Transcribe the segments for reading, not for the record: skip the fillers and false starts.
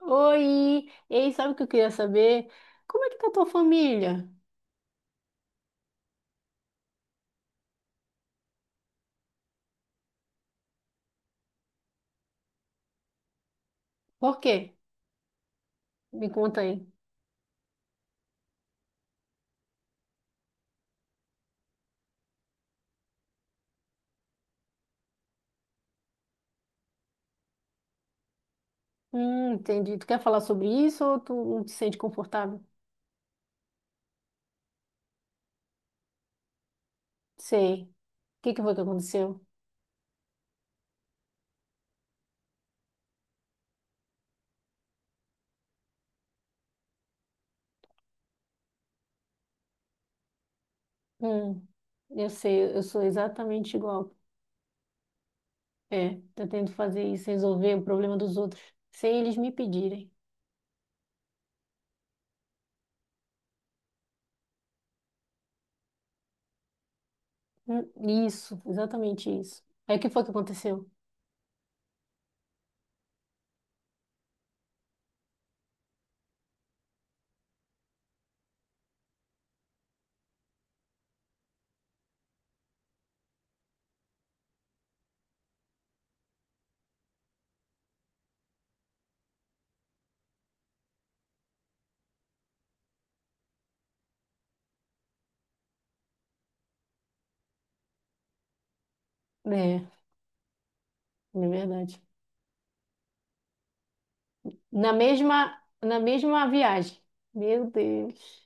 Oi! Ei, sabe o que eu queria saber? Como é que tá a tua família? Por quê? Me conta aí. Entendi. Tu quer falar sobre isso ou tu não te sente confortável? Sei. O que que foi que aconteceu? Hum, eu sei, eu sou exatamente igual. É, eu tento fazer isso, resolver o problema dos outros, sem eles me pedirem. Hum, isso, exatamente isso. Aí o que foi que aconteceu? É, é verdade. Na mesma viagem. Meu Deus.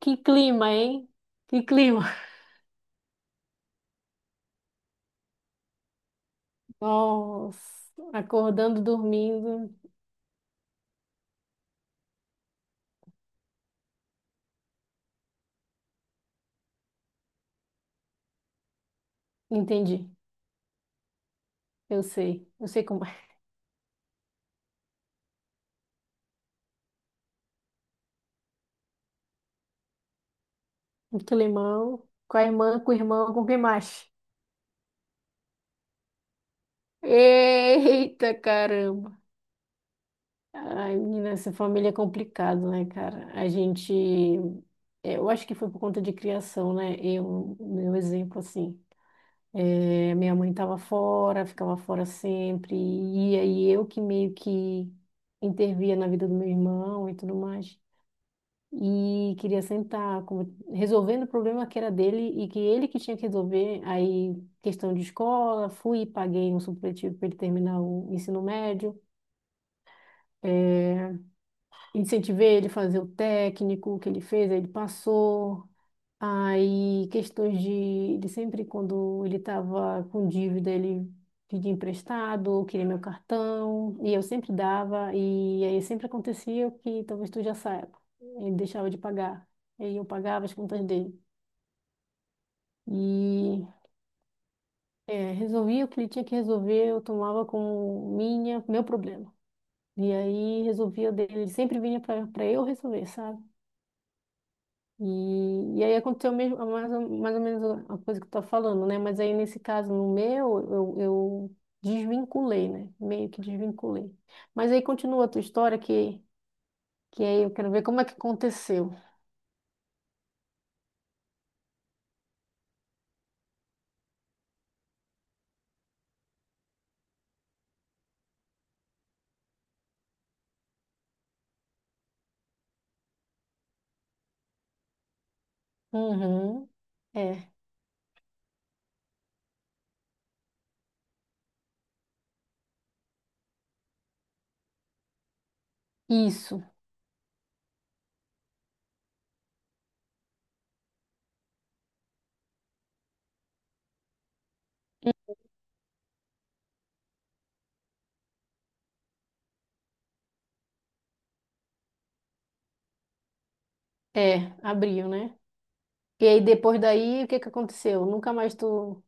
Que clima, hein? Que clima. Nossa, acordando, dormindo. Entendi. Eu sei. Eu sei como é. Um climão. Com a irmã, com o irmão, com quem mais? Eita, caramba. Ai, menina, essa família é complicado, né, cara? A gente. É, eu acho que foi por conta de criação, né? Eu, meu exemplo, assim. Minha mãe estava fora, ficava fora sempre, e aí eu que meio que intervia na vida do meu irmão e tudo mais. E queria sentar, resolvendo o problema que era dele e que ele que tinha que resolver. Aí, questão de escola, fui e paguei um supletivo para ele terminar o ensino médio. Eh, Incentivei ele a fazer o técnico que ele fez, aí ele passou. Aí, questões de sempre quando ele estava com dívida, ele pedia emprestado, ou queria meu cartão, e eu sempre dava, e aí sempre acontecia o que talvez tu já saiba. Ele deixava de pagar, e aí eu pagava as contas dele. E é, resolvia o que ele tinha que resolver, eu tomava como minha, meu problema. E aí resolvia o dele, ele sempre vinha para eu resolver, sabe? E aí aconteceu mesmo, mais ou menos a coisa que tu tá falando, né? Mas aí nesse caso, no meu, eu desvinculei, né? Meio que desvinculei. Mas aí continua a tua história, que aí eu quero ver como é que aconteceu. Uhum. É, isso. É, abriu, né? E aí depois daí, o que que aconteceu? Nunca mais tu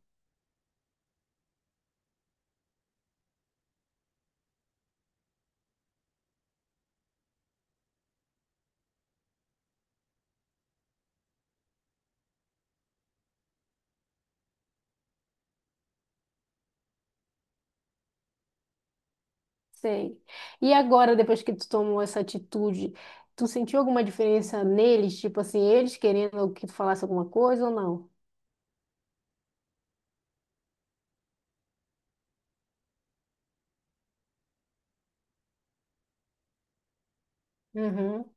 sei. E agora, depois que tu tomou essa atitude, tu sentiu alguma diferença neles? Tipo assim, eles querendo que tu falasse alguma coisa ou não? Uhum.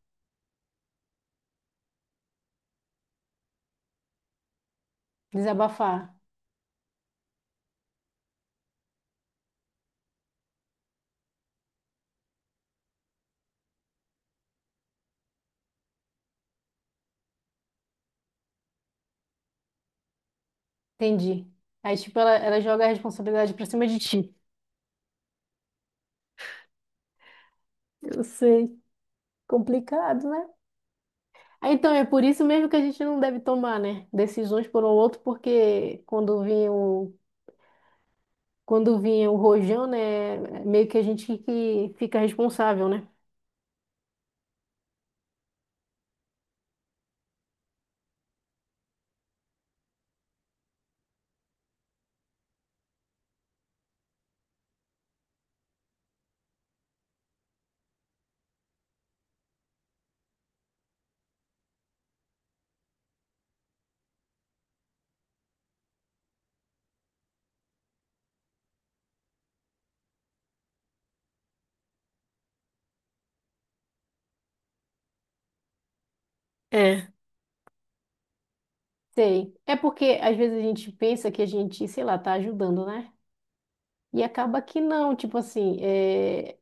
Desabafar. Entendi. Aí, tipo, ela joga a responsabilidade pra cima de ti. Eu sei. Complicado, né? Ah, então, é por isso mesmo que a gente não deve tomar, né? Decisões por um outro, porque quando vinha o rojão, né? Meio que a gente que fica responsável, né? É. Sei. É porque às vezes a gente pensa que a gente, sei lá, tá ajudando, né? E acaba que não, tipo assim, é,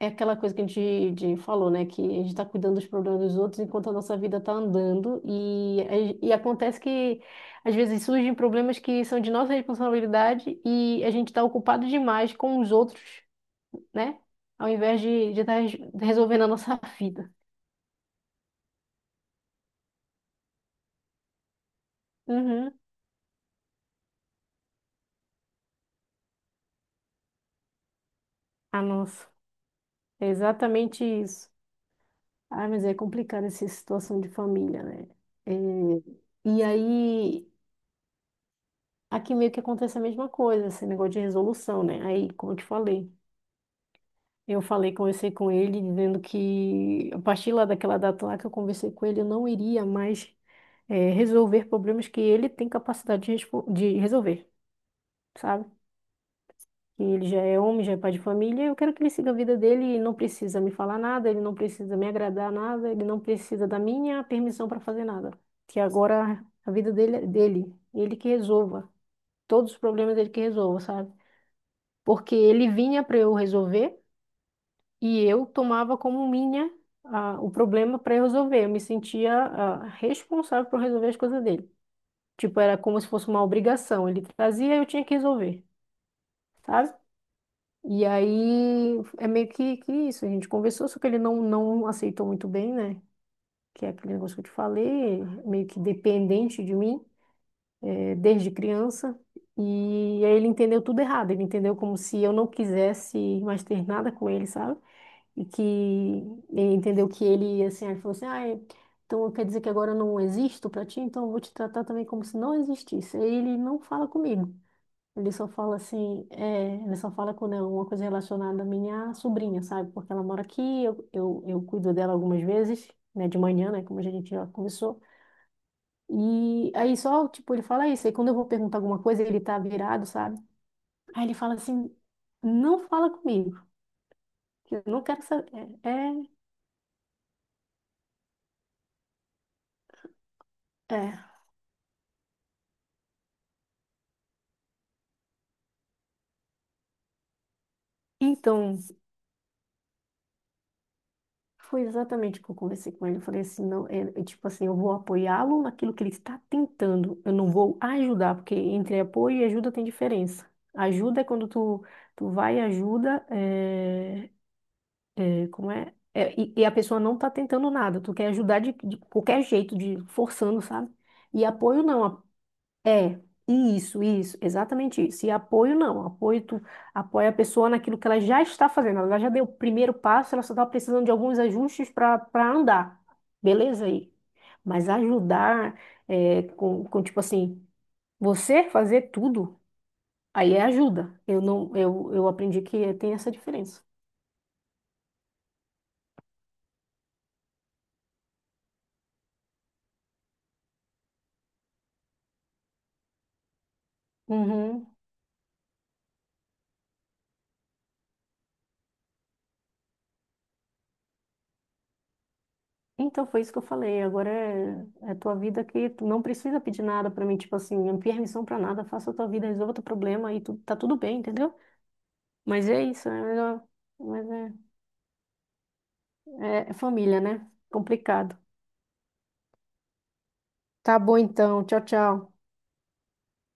é aquela coisa que a gente, falou, né? Que a gente está cuidando dos problemas dos outros enquanto a nossa vida está andando. E acontece que, às vezes, surgem problemas que são de nossa responsabilidade e a gente está ocupado demais com os outros, né? Ao invés de estar resolvendo a nossa vida. Uhum. Ah, nossa. É exatamente isso. Ah, mas é complicado essa situação de família, né? É, e aí, aqui meio que acontece a mesma coisa, esse negócio de resolução, né? Aí, como eu te falei. Eu falei, conversei com ele, dizendo que a partir lá daquela data lá que eu conversei com ele, eu não iria mais resolver problemas que ele tem capacidade de, de resolver, sabe? Que ele já é homem, já é pai de família, eu quero que ele siga a vida dele e não precisa me falar nada, ele não precisa me agradar nada, ele não precisa da minha permissão para fazer nada. Que agora a vida dele é dele, ele que resolva, todos os problemas ele que resolva, sabe? Porque ele vinha para eu resolver. E eu tomava como minha ah, o problema para resolver. Eu me sentia ah, responsável por resolver as coisas dele. Tipo, era como se fosse uma obrigação. Ele trazia, e eu tinha que resolver, sabe? E aí é meio que isso. A gente conversou, só que ele não aceitou muito bem, né? Que é aquele negócio que eu te falei, meio que dependente de mim, desde criança. E aí ele entendeu tudo errado. Ele entendeu como se eu não quisesse mais ter nada com ele, sabe? E que ele entendeu que ele, assim, aí ele falou assim, ah, então quer dizer que agora eu não existo para ti, então eu vou te tratar também como se não existisse. Aí ele não fala comigo, ele só fala assim, é, ele só fala com né uma coisa relacionada à minha sobrinha, sabe? Porque ela mora aqui, eu cuido dela algumas vezes, né, de manhã, né, como a gente já conversou. E aí só, tipo, ele fala isso, aí quando eu vou perguntar alguma coisa, ele tá virado, sabe? Aí ele fala assim, não fala comigo, que eu não quero saber. É, é. É. Então, foi exatamente o que eu conversei com ele. Eu falei assim, não, é, é tipo assim, eu vou apoiá-lo naquilo que ele está tentando. Eu não vou ajudar, porque entre apoio e ajuda tem diferença. Ajuda é quando tu, tu vai e ajuda, é, é, como é? É, e a pessoa não está tentando nada. Tu quer ajudar de qualquer jeito, de forçando, sabe? E apoio não. É, isso, exatamente isso. E apoio não, apoio tu apoia a pessoa naquilo que ela já está fazendo. Ela já deu o primeiro passo, ela só está precisando de alguns ajustes para andar. Beleza aí. Mas ajudar é, com tipo assim, você fazer tudo, aí é ajuda. Eu não, eu aprendi que tem essa diferença. Uhum. Então foi isso que eu falei. Agora é, é tua vida que tu não precisa pedir nada para mim, tipo assim, não pedi permissão para nada, faça a tua vida, resolva teu problema e tu, tá tudo bem, entendeu? Mas é isso, né? Mas, ó, mas é, é é família, né? Complicado. Tá bom então. Tchau, tchau.